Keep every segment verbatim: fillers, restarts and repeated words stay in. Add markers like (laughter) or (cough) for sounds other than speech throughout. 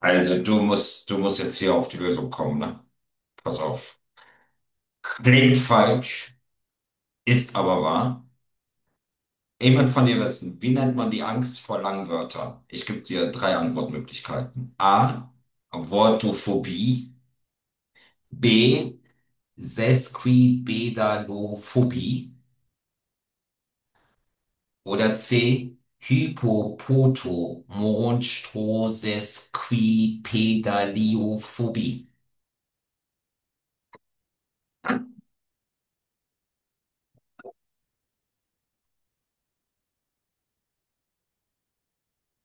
Also du musst, du musst jetzt hier auf die Lösung kommen, ne? Pass auf. Klingt falsch, ist aber wahr. Ich will von dir wissen, wie nennt man die Angst vor langen Wörtern? Ich gebe dir drei Antwortmöglichkeiten. A. Wortophobie. B. Sesquipedalophobie. Oder C. Hypopotomonstrosequipedaliophobie.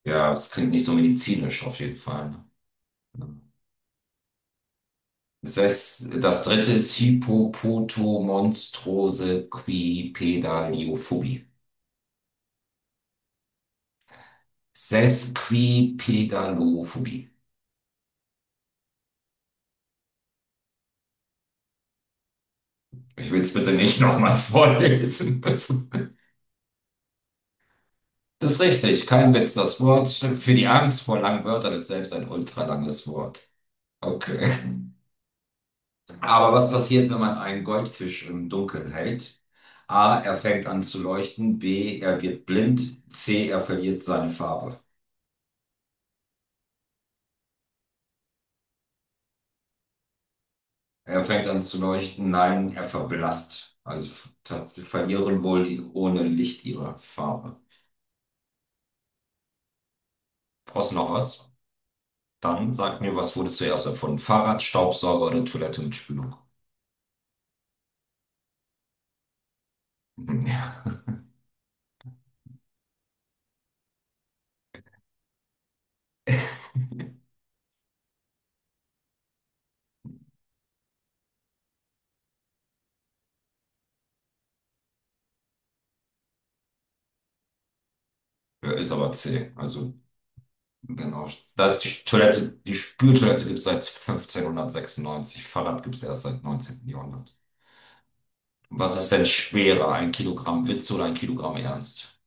Ja, es klingt nicht so medizinisch auf jeden Fall. Ne? Das heißt, das dritte ist Hippopotomonstrosequipedaliophobie. Sesquipedalophobie. Sesquipedalophobie. Ich will es bitte nicht nochmals (laughs) vorlesen müssen. Das ist richtig, kein Witz. Das Wort für die Angst vor langen Wörtern ist selbst ein ultralanges Wort. Okay. Aber was passiert, wenn man einen Goldfisch im Dunkeln hält? A, er fängt an zu leuchten. B, er wird blind. C, er verliert seine Farbe. Er fängt an zu leuchten. Nein, er verblasst. Also tatsächlich verlieren wohl die- ohne Licht ihre Farbe. Brauchst du noch was? Dann sag mir, was wurde zuerst erfunden? Fahrrad, Staubsauger oder Toilette mit Spülung? (laughs) Ja, ist aber zäh. Also, genau. Da ist die Toilette, die Spültoilette gibt es seit fünfzehnhundertsechsundneunzig. Fahrrad gibt es erst seit neunzehnten. Jahrhundert. Was ist denn schwerer? Ein Kilogramm Witz oder ein Kilogramm Ernst?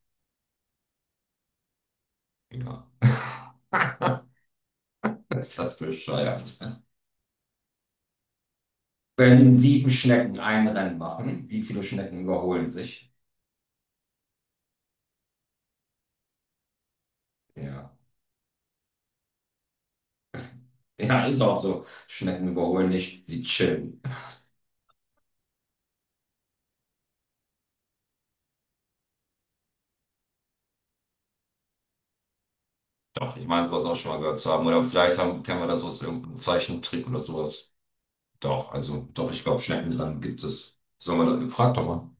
Ja, ist das bescheuert. Wenn sieben Schnecken ein Rennen machen, wie viele Schnecken überholen sich? Ja. Ja, ist auch so. Schnecken überholen nicht, sie chillen. Doch, ich meine, sowas auch schon mal gehört zu haben. Oder vielleicht haben, kennen wir das aus irgendeinem Zeichentrick oder sowas. Doch, also, doch, ich glaube, Schneckenrennen gibt es. Sollen wir das? Frag doch mal.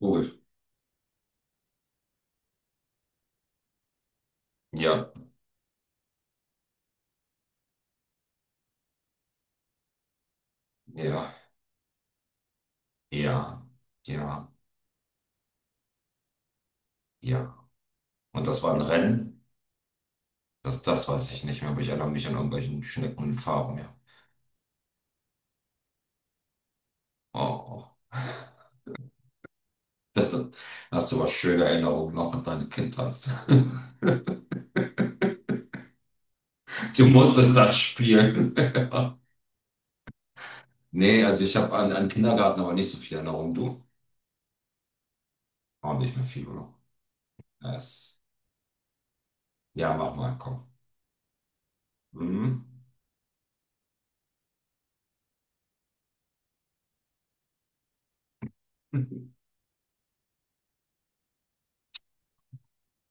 Gut. Ja, ja, ja, ja, ja. Und das war ein Rennen? Das, das weiß ich nicht mehr, aber ich erinnere mich an irgendwelchen Schneckenfahren, ja. Oh. Das hast du aber schöne Erinnerungen noch an deine Kindheit. (laughs) Du musstest das spielen. (laughs) Nee, also ich habe an, an Kindergarten aber nicht so viel Erinnerung. Du? Auch nicht mehr viel, oder? Ja, ja, mach mal, komm. Mhm.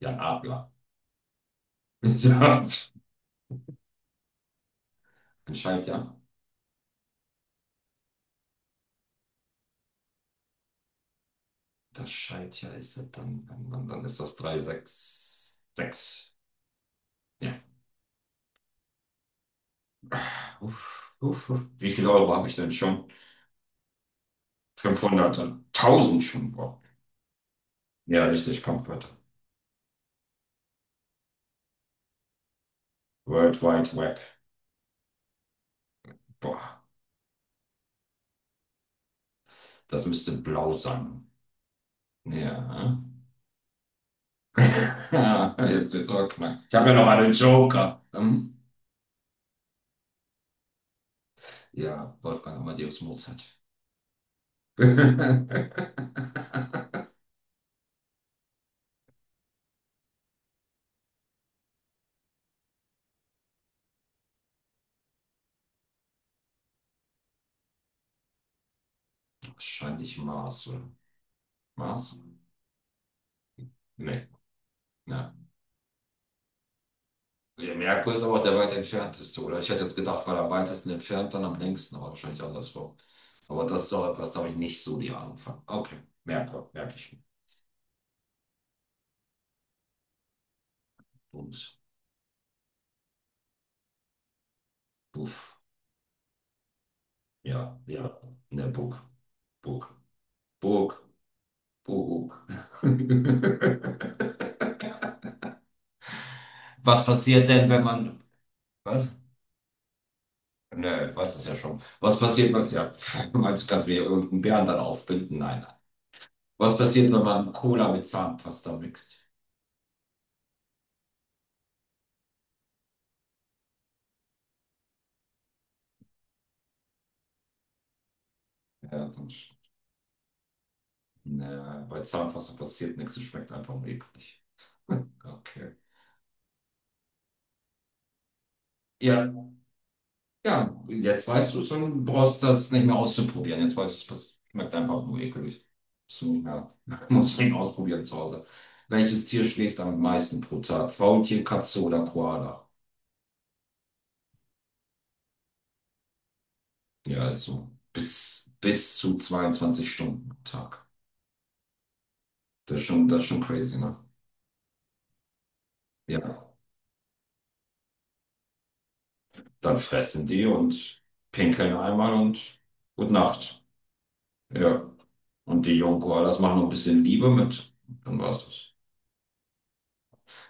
Jan Adler. (laughs) Ja, ein Schaltjahr. Das Schaltjahr ist ja dann, dann, dann dann ist das dreihundertsechsundsechzig. Ja. Uff, uff, uff. Wie viele Euro habe ich denn schon? Fünfhundert und tausend schon. Boah. Ja, richtig, kommt weiter. World Wide Web. Boah, das müsste blau sein. Ja. (laughs) Jetzt wird's auch knack. Ich habe ja noch einen Joker. Ähm, ja, Wolfgang Amadeus Mozart. (laughs) Wahrscheinlich Marcel. Marcel? Nee. Ja. Ja, Merkur ist aber auch der weit entfernteste, oder? Ich hätte jetzt gedacht, weil am weitesten entfernt, dann am längsten, aber wahrscheinlich andersrum. Aber das ist auch etwas, da habe ich nicht so die Ahnung von. Okay, Merkur, merke ich. Und, puff. Ja, ja, in der Book. Burg, Burg, Burg. (laughs) Was passiert denn, wenn man. Was? Ne, ich weiß es ja schon. Was passiert, wenn, ja, (laughs) pff, meinst du, kannst du mir irgendeinen Bären dann aufbinden? Nein, nein. Was passiert, wenn man Cola mit Zahnpasta mixt? Ja, dann, sch- ne, bei Zahnpasta passiert nichts, es schmeckt einfach nur eklig. (laughs) Okay. Ja, Ja, jetzt weißt du es und brauchst das nicht mehr auszuprobieren. Jetzt weißt du es, schmeckt einfach nur ekelig. So, ja, (laughs) musst du ihn ausprobieren zu Hause. Welches Tier schläft am meisten pro Tag? Faultier, Katze oder Koala? Ja, ist so. Bis, bis zu zweiundzwanzig Stunden am Tag. Das ist schon, das ist schon crazy, ne? Ja, dann fressen die und pinkeln einmal und gute Nacht. Ja, und die jungen Koalas machen noch ein bisschen Liebe mit. Dann war's das.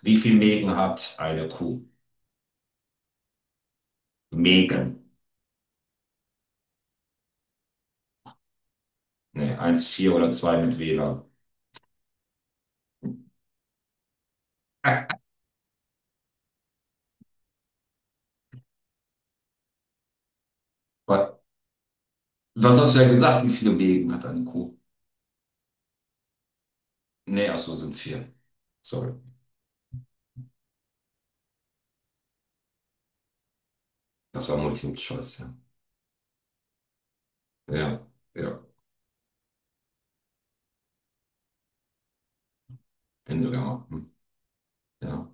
Wie viel Mägen hat eine Kuh? Megen. Nee, vier oder zwei mit Wähler. Wa- Was hast du ja gesagt? Wie viele Mägen hat eine Kuh? Nee, ach so, sind vier. Sorry. Das war Multiple Choice, ja. Ja, ja. Hinterher. Hm. Ja.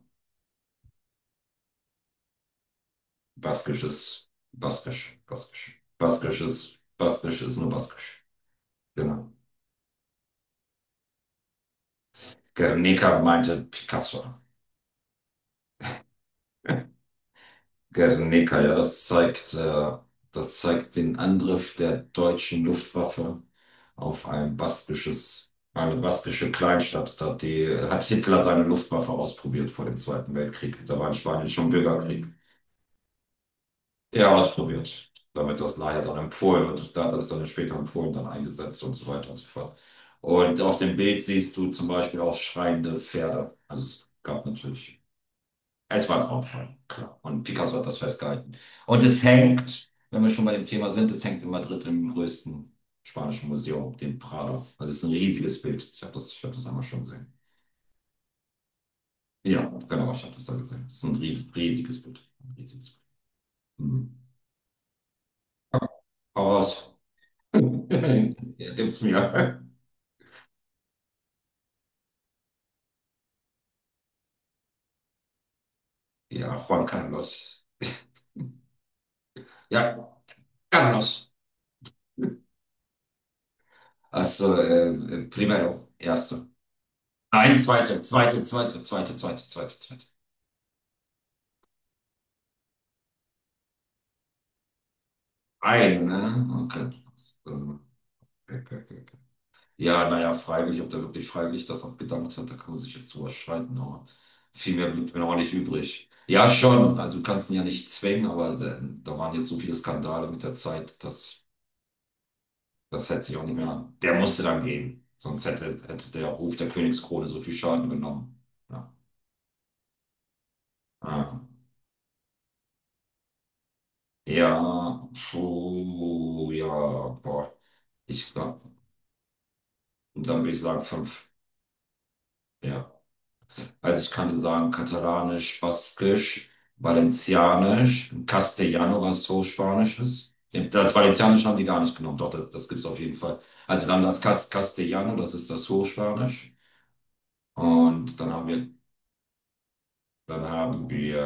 Baskisch ist Baskisch. Baskisch. Baskisch ist, Baskisch ist nur Baskisch. Genau. Gernika meinte Picasso. Guernica, ja, das zeigt, äh, das zeigt den Angriff der deutschen Luftwaffe auf ein baskisches, eine baskische Kleinstadt. Da hat die, hat Hitler seine Luftwaffe ausprobiert vor dem Zweiten Weltkrieg. Da war in Spanien schon Bürgerkrieg. Ja, ausprobiert. Damit das nachher dann in Polen und da hat er es dann später in Polen dann eingesetzt und so weiter und so fort. Und auf dem Bild siehst du zum Beispiel auch schreiende Pferde. Also es gab natürlich. Es war grauenvoll, klar. Und Picasso hat das festgehalten. Und es hängt, wenn wir schon bei dem Thema sind, es hängt in Madrid im größten spanischen Museum, dem Prado. Also es ist ein riesiges Bild. Ich habe das, ich hab das einmal schon gesehen. Ja, genau, ich habe das da gesehen. Es ist ein ries, riesiges Bild. Ein riesiges Bild. Mhm. Hau raus. (laughs) Ja, gib's mir. Ja, Juan Carlos. Ja, Carlos. Also, äh, äh, primero, erste. Nein, zweite, zweite, zweite, zweite, zweite, zweite, zweite. Ein, ne? Okay. Ähm, okay, okay, okay. Ja, naja, freiwillig, ob der wirklich freiwillig das auch gedankt hat, da kann man sich jetzt drüber streiten, aber viel mehr blieb mir auch nicht übrig. Ja, schon, also du kannst ihn ja nicht zwängen, aber da, da waren jetzt so viele Skandale mit der Zeit, dass das hätte sich auch nicht mehr, der musste dann gehen, sonst hätte, hätte der Ruf der Königskrone so viel Schaden genommen. Ja, ah. Ja, puh, ja, boah, ich glaube, und dann würde ich sagen fünf, ja. Also ich kann sagen, Katalanisch, Baskisch, Valencianisch, Castellano, was so Spanisch ist. Das Valencianisch haben die gar nicht genommen, doch, das, das gibt es auf jeden Fall. Also dann das Cas- Castellano, das ist das Hochspanisch. Und dann haben wir, dann haben wir